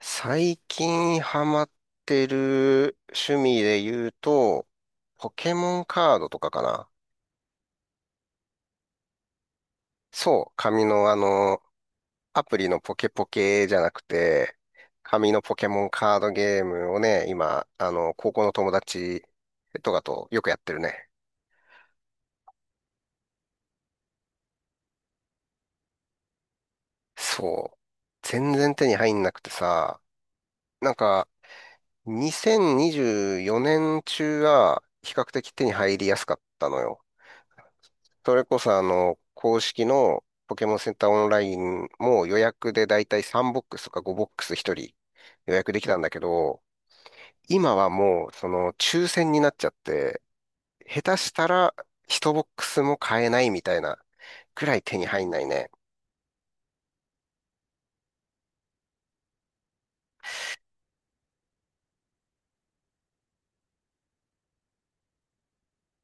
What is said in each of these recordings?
最近ハマってる趣味で言うと、ポケモンカードとかかな。そう、紙のアプリのポケポケじゃなくて、紙のポケモンカードゲームをね、今、高校の友達とかとよくやってるね。そう。全然手に入んなくてさ、なんか、2024年中は比較的手に入りやすかったのよ。それこそ公式のポケモンセンターオンラインも予約でだいたい3ボックスとか5ボックス1人予約できたんだけど、今はもうその抽選になっちゃって、下手したら1ボックスも買えないみたいなくらい手に入んないね。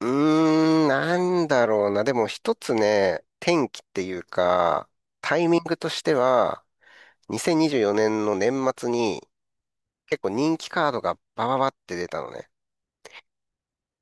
うーん、なんだろうな。でも一つね、転機っていうか、タイミングとしては、2024年の年末に結構人気カードがバババって出たのね。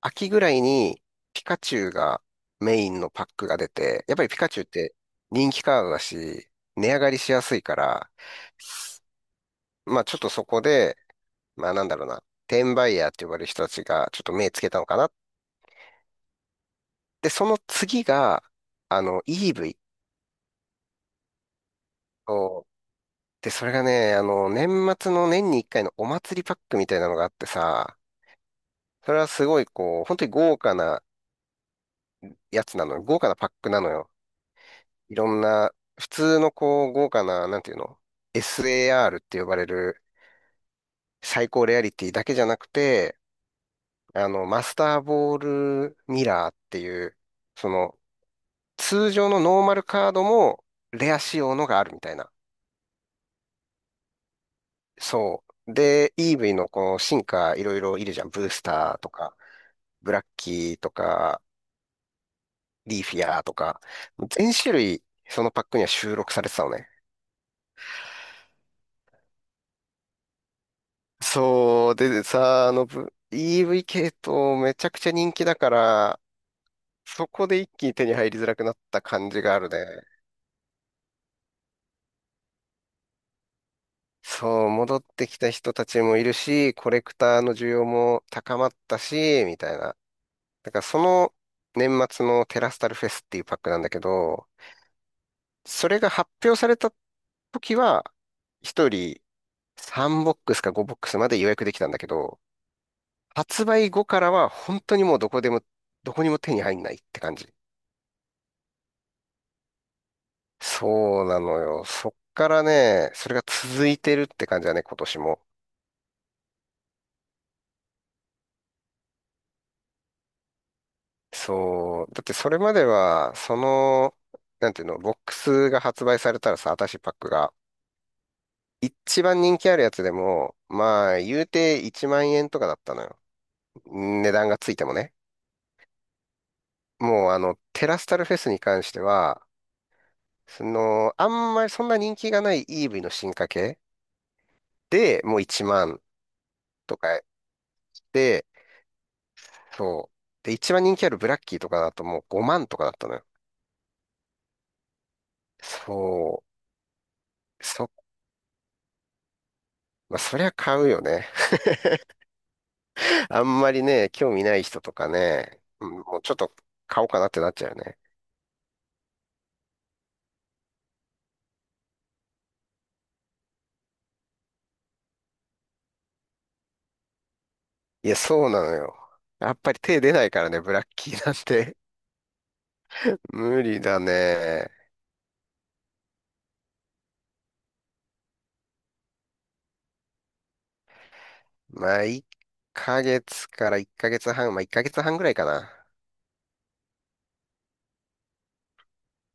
秋ぐらいにピカチュウがメインのパックが出て、やっぱりピカチュウって人気カードだし、値上がりしやすいから、すまあちょっとそこで、まあなんだろうな、転売ヤーって呼ばれる人たちがちょっと目つけたのかな。で、その次が、EV を、そう。で、それがね、年末の年に一回のお祭りパックみたいなのがあってさ、それはすごいこう、本当に豪華なやつなのよ。豪華なパックなのよ。いろんな、普通のこう、豪華な、なんていうの？ SAR って呼ばれる最高レアリティだけじゃなくて、マスターボールミラーっていう、その、通常のノーマルカードもレア仕様のがあるみたいな。そう。で、EV のこの進化いろいろいるじゃん。ブースターとか、ブラッキーとか、リーフィアーとか、全種類そのパックには収録されてたのね。そう、でさ、EV 系統めちゃくちゃ人気だから、そこで一気に手に入りづらくなった感じがあるね。そう、戻ってきた人たちもいるし、コレクターの需要も高まったし、みたいな。だからその年末のテラスタルフェスっていうパックなんだけど、それが発表された時は、一人3ボックスか5ボックスまで予約できたんだけど、発売後からは本当にもうどこでも、どこにも手に入んないって感じ。そうなのよ。そっからね、それが続いてるって感じだね、今年も。そう。だってそれまでは、その、なんていうの、ボックスが発売されたらさ、アタッシェパックが。一番人気あるやつでも、まあ、言うて1万円とかだったのよ。値段がついてもね。もう、テラスタルフェスに関しては、その、あんまりそんな人気がない EV の進化系でもう1万とかで、そう。で、一番人気あるブラッキーとかだともう5万とかだったのよ。そう。まあ、そりゃ買うよね。あんまりね、興味ない人とかね、うんもうちょっと買おうかなってなっちゃうよね。いや、そうなのよ。やっぱり手出ないからね、ブラッキーなんて。無理だね。まあ、1ヶ月から1ヶ月半、まあ1ヶ月半ぐらいかな。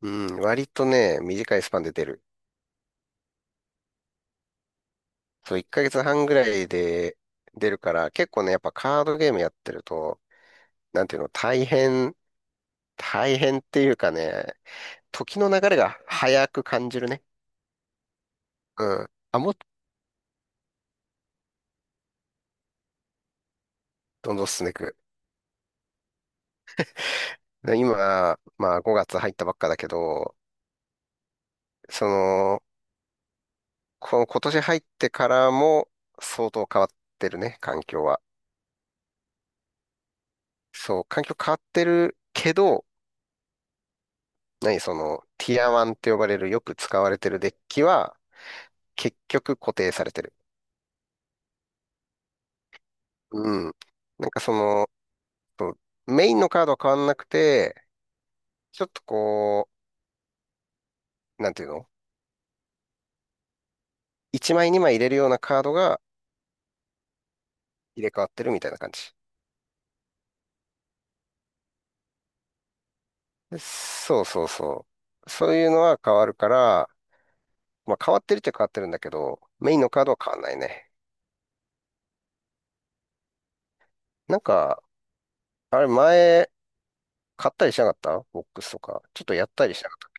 うん、割とね、短いスパンで出る。そう、1ヶ月半ぐらいで出るから、結構ね、やっぱカードゲームやってると、なんていうの、大変っていうかね、時の流れが早く感じるね。うん。あ、もっとどんどん進んでいく。で今、まあ5月入ったばっかだけど、その、この今年入ってからも相当変わってるね、環境は。そう、環境変わってるけど、何その、ティアワンって呼ばれるよく使われてるデッキは、結局固定されてる。うん。なんかそメインのカードは変わんなくて、ちょっとこう、なんていうの1枚2枚入れるようなカードが入れ替わってるみたいな感じ。でそうそうそう。そういうのは変わるから、まあ変わってるっちゃ変わってるんだけど、メインのカードは変わんないね。なんか、あれ前、買ったりしなかったボックスとか。ちょっとやったりしなかっ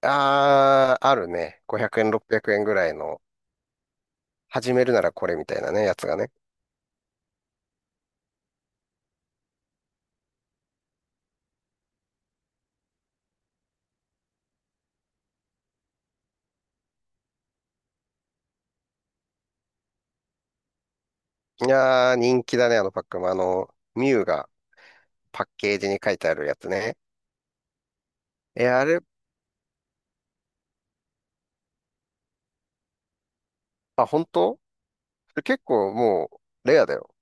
た。あー、あるね。500円、600円ぐらいの、始めるならこれみたいなね、やつがね。いやー、人気だね、あのパックも。あの、ミュウがパッケージに書いてあるやつね。え、あれ、あ、本当それ結構もう、レアだよね。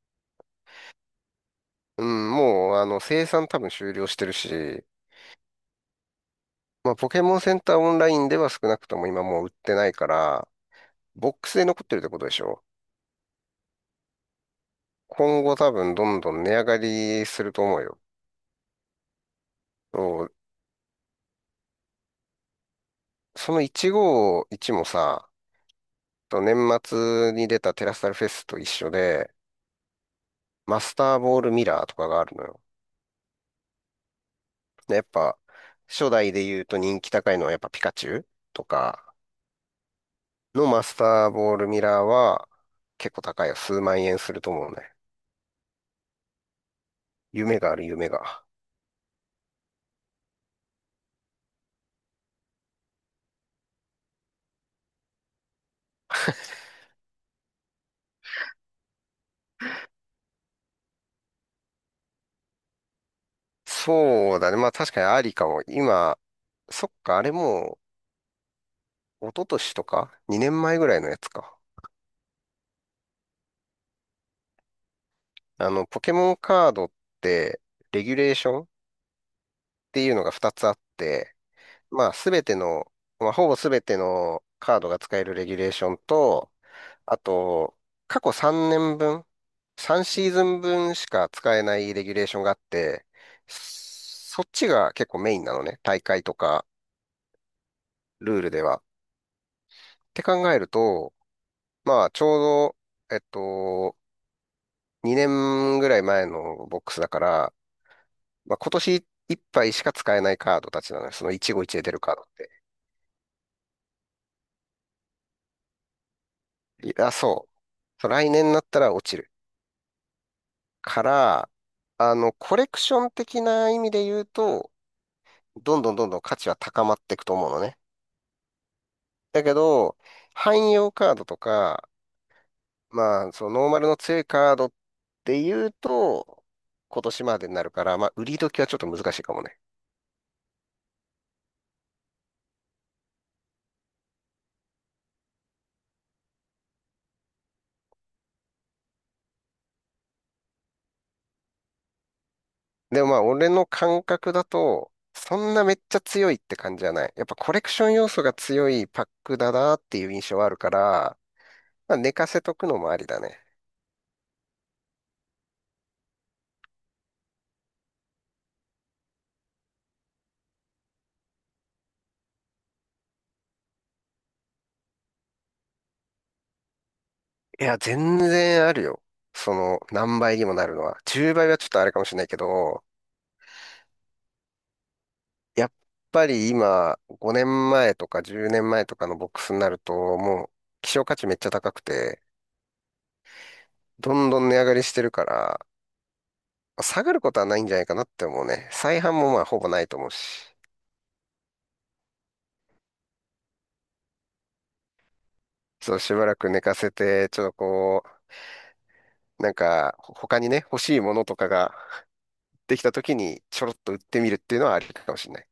うん、もう、生産多分終了してるし、まあ、ポケモンセンターオンラインでは少なくとも今もう売ってないから、ボックスで残ってるってことでしょ。今後多分どんどん値上がりすると思うよ。そう、その151もさ、年末に出たテラスタルフェスと一緒で、マスターボールミラーとかがあるのよ。で、やっぱ、初代で言うと人気高いのはやっぱピカチュウとかのマスターボールミラーは結構高いよ。数万円すると思うね。夢がある、夢が。そうだね。まあ確かにありかも。今、そっか、あれもう、一昨年とか？ 2 年前ぐらいのやつか。ポケモンカードって、レギュレーションっていうのが2つあって、まあすべての、まあほぼすべてのカードが使えるレギュレーションと、あと、過去3年分、3シーズン分しか使えないレギュレーションがあって、そそっちが結構メインなのね。大会とかルールでは。って考えると、まあ、ちょうど、2年ぐらい前のボックスだから、まあ、今年いっぱいしか使えないカードたちなのよ。その一期一会出るカードって。いや、そう。そう来年になったら落ちる。から、コレクション的な意味で言うと、どんどんどんどん価値は高まっていくと思うのね。だけど、汎用カードとか、まあ、そのノーマルの強いカードって言うと、今年までになるから、まあ、売り時はちょっと難しいかもね。でもまあ、俺の感覚だと、そんなめっちゃ強いって感じじゃない。やっぱコレクション要素が強いパックだなっていう印象はあるから、まあ、寝かせとくのもありだね。いや、全然あるよ。その、何倍にもなるのは。10倍はちょっとあれかもしれないけど、やっぱり今、5年前とか10年前とかのボックスになると、もう、希少価値めっちゃ高くて、どんどん値上がりしてるから、下がることはないんじゃないかなって思うね。再販もまあ、ほぼないと思うし。そう、しばらく寝かせて、ちょっとこう、なんか、他にね、欲しいものとかができた時に、ちょろっと売ってみるっていうのはありかもしれない。